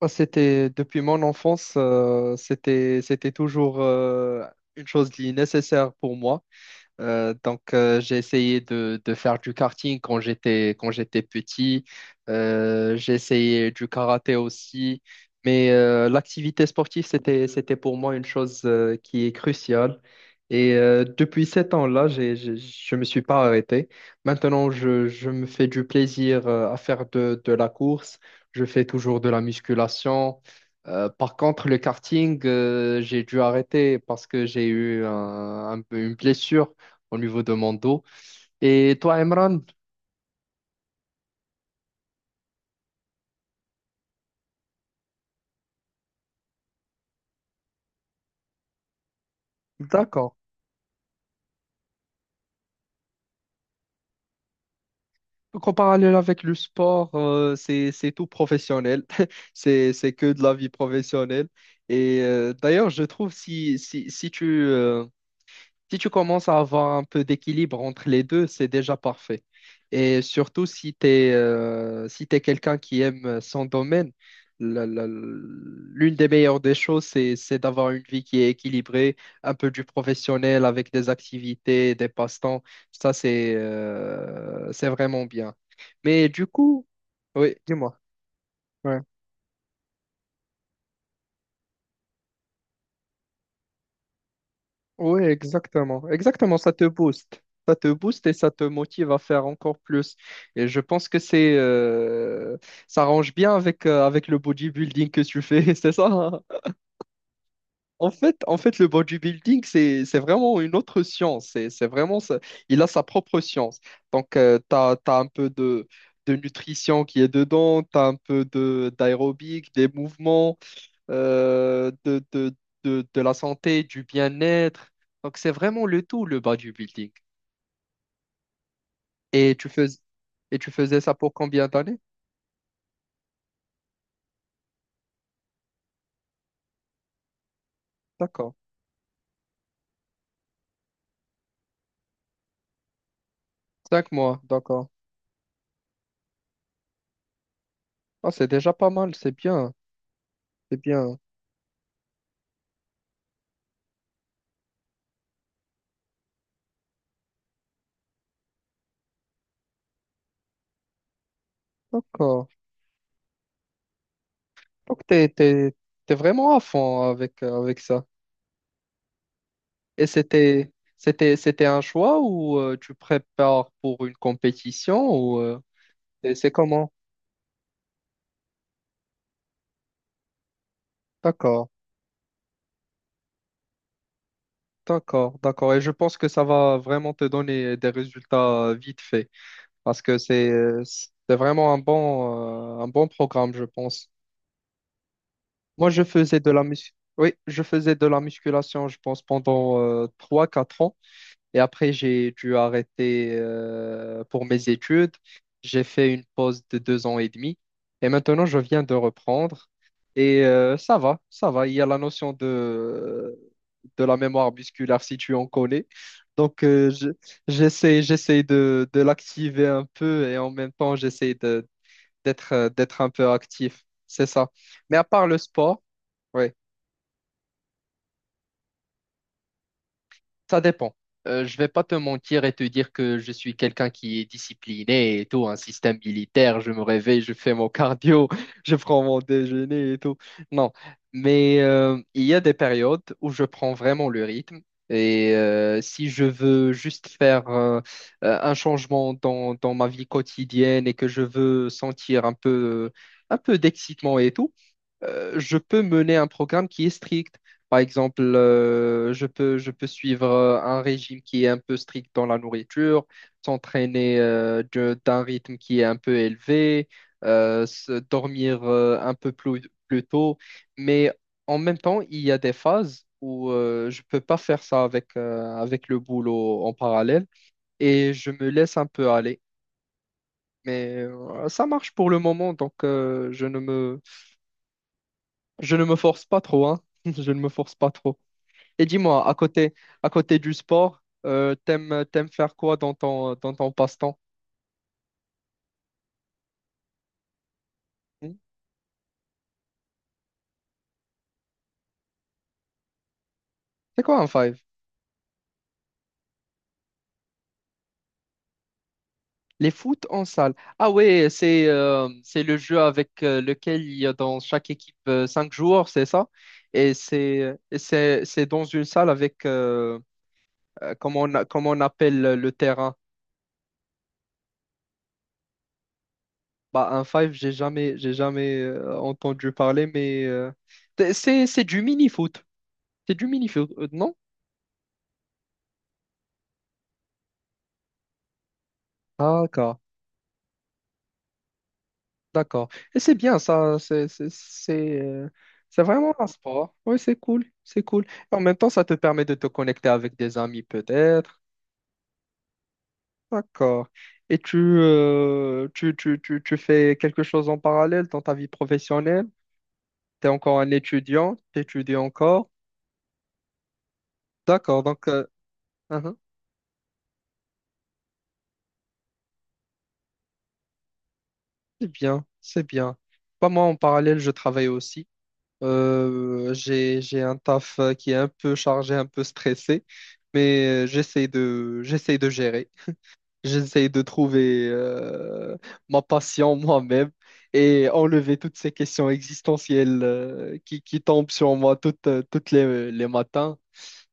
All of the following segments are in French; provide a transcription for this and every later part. Moi, c'était depuis mon enfance, c'était toujours une chose qui est nécessaire pour moi. J'ai essayé de faire du karting quand j'étais petit. J'ai essayé du karaté aussi. L'activité sportive, c'était pour moi une chose qui est cruciale. Depuis sept ans-là, je ne me suis pas arrêté. Maintenant, je me fais du plaisir à faire de la course. Je fais toujours de la musculation. Par contre, le karting, j'ai dû arrêter parce que j'ai eu un peu une blessure au niveau de mon dos. Et toi, Emran, d'accord. Donc, en parallèle avec le sport, c'est tout professionnel. C'est que de la vie professionnelle. D'ailleurs, je trouve si tu, si tu commences à avoir un peu d'équilibre entre les deux, c'est déjà parfait. Et surtout si tu es, si t'es quelqu'un qui aime son domaine, l'une des meilleures des choses, c'est d'avoir une vie qui est équilibrée, un peu du professionnel avec des activités, des passe-temps. Ça, c'est vraiment bien. Mais du coup, oui, dis-moi. Ouais. Oui, exactement. Exactement, ça te booste. Ça te booste et ça te motive à faire encore plus. Et je pense que c'est ça range bien avec, avec le bodybuilding que tu fais, c'est ça? En fait, le bodybuilding, c'est vraiment une autre science. C'est vraiment, il a sa propre science. Donc, tu as, un peu de nutrition qui est dedans, tu as un peu d'aérobic, des mouvements euh, de, de, de la santé, du bien-être. Donc, c'est vraiment le tout, le bodybuilding. Et tu fais, et tu faisais ça pour combien d'années? D'accord. Cinq mois, d'accord. Ah, c'est déjà pas mal, c'est bien, c'est bien. D'accord. Donc, t'es vraiment à fond avec, avec ça. Et c'était, c'était un choix ou tu prépares pour une compétition ou et c'est comment? D'accord, d'accord. Et je pense que ça va vraiment te donner des résultats vite fait, parce que c'est vraiment un bon programme, je pense. Moi, je faisais de la mus- oui, je faisais de la musculation, je pense, pendant 3-4 ans. Et après, j'ai dû arrêter pour mes études. J'ai fait une pause de 2 ans et demi. Et maintenant, je viens de reprendre. Ça va, ça va. Il y a la notion de la mémoire musculaire, si tu en connais. Donc, euh, je- J'essaie de l'activer un peu et en même temps, j'essaie d'être un peu actif, c'est ça. Mais à part le sport, ouais, ça dépend. Je vais pas te mentir et te dire que je suis quelqu'un qui est discipliné et tout, un système militaire, je me réveille, je fais mon cardio, je prends mon déjeuner et tout. Non, mais il y a des périodes où je prends vraiment le rythme. Si je veux juste faire un changement dans ma vie quotidienne et que je veux sentir un peu d'excitement et tout, je peux mener un programme qui est strict. Par exemple, je peux suivre un régime qui est un peu strict dans la nourriture, s'entraîner d'un rythme qui est un peu élevé, dormir un peu plus, plus tôt. Mais en même temps, il y a des phases où je ne peux pas faire ça avec, avec le boulot en parallèle et je me laisse un peu aller. Mais ça marche pour le moment, donc je ne me force pas trop, hein. Je ne me force pas trop. Et dis-moi, à côté du sport, t'aimes faire quoi dans ton passe-temps? Hmm. C'est quoi un five? Les foot en salle. Ah ouais, c'est le jeu avec lequel il y a dans chaque équipe cinq joueurs, c'est ça? Et c'est dans une salle avec comment on appelle le terrain? Bah un five, j'ai jamais entendu parler, mais c'est du mini foot. C'est du mini foot, non? D'accord, d'accord. Et c'est bien ça, c'est vraiment un sport. Oui, c'est cool, c'est cool. Et en même temps, ça te permet de te connecter avec des amis peut-être. D'accord. Tu fais quelque chose en parallèle dans ta vie professionnelle? Tu es encore un étudiant, tu étudies encore. D'accord, donc uhum, c'est bien, c'est bien. Pas moi, en parallèle, je travaille aussi. J'ai un taf qui est un peu chargé, un peu stressé, mais j'essaie de gérer. J'essaie de trouver ma passion moi-même et enlever toutes ces questions existentielles qui tombent sur moi toutes les matins.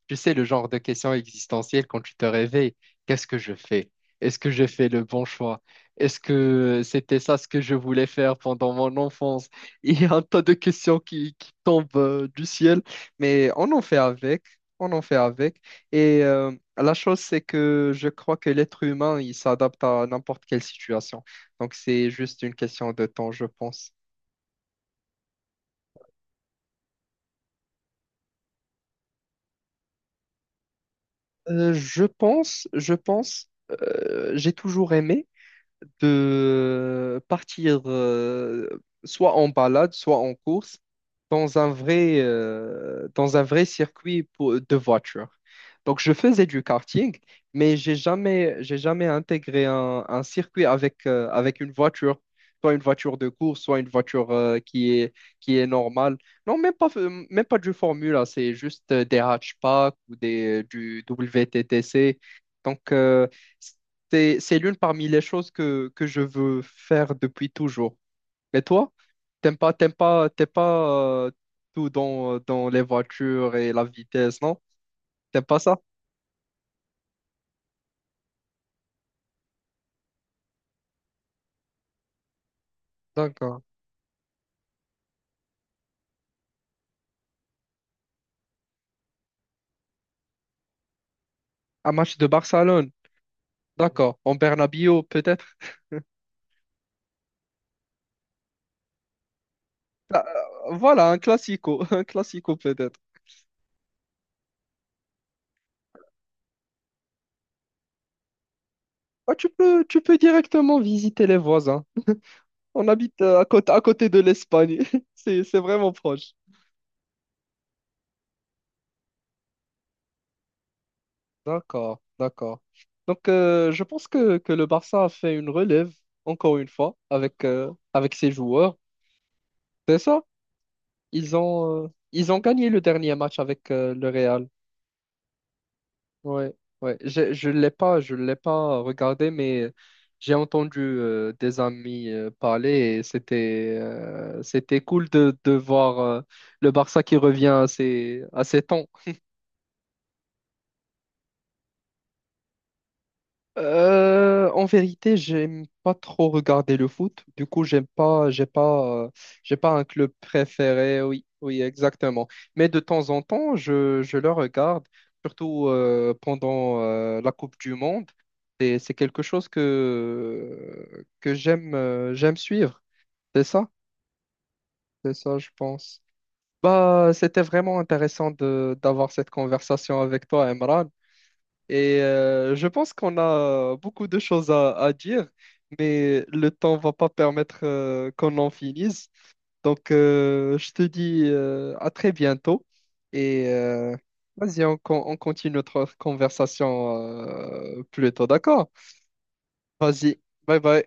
Tu sais, le genre de questions existentielles quand tu te réveilles, qu'est-ce que je fais? Est-ce que j'ai fait le bon choix? Est-ce que c'était ça ce que je voulais faire pendant mon enfance? Il y a un tas de questions qui tombent du ciel, mais on en fait avec, on en fait avec. Et euh, la chose, c'est que je crois que l'être humain, il s'adapte à n'importe quelle situation. Donc, c'est juste une question de temps, je pense. Je pense, j'ai toujours aimé de partir soit en balade, soit en course dans un vrai de voiture. Donc, je faisais du karting, mais j'ai jamais intégré un circuit avec, avec une voiture, soit une voiture de course, soit une voiture qui est normale. Non, même pas du Formule, A, c'est juste des hatchbacks ou des, du WTTC. Donc, c'est l'une parmi les choses que je veux faire depuis toujours. Et toi, t'aimes pas tout dans, dans les voitures et la vitesse, non? T'aimes pas ça? D'accord. Un match de Barcelone, d'accord. En Bernabéu, peut-être. Ah, voilà, un classico, un classico peut-être. Ah, tu peux directement visiter les voisins. On habite à côté de l'Espagne. C'est vraiment proche. D'accord, d'accord. Donc, je pense que le Barça a fait une relève, encore une fois, avec, avec ses joueurs. C'est ça? Ils ont gagné le dernier match avec le Real. Ouais, ouais. Je l'ai pas, je l'ai pas regardé, mais j'ai entendu des amis parler et c'était cool de voir le Barça qui revient à ses temps. En vérité, j'aime pas trop regarder le foot. Du coup, j'aime pas, j'ai pas, j'ai pas un club préféré. Oui, oui, exactement. Mais de temps en temps, je le regarde, surtout pendant la Coupe du Monde. Et c'est quelque chose que j'aime, j'aime suivre. C'est ça, c'est ça, je pense. Bah, c'était vraiment intéressant de d'avoir cette conversation avec toi, Emran. Je pense qu'on a beaucoup de choses à dire, mais le temps va pas permettre qu'on en finisse. Donc, je te dis à très bientôt. Et euh, Vas-y, on continue notre conversation plus tôt, d'accord? Vas-y, bye bye.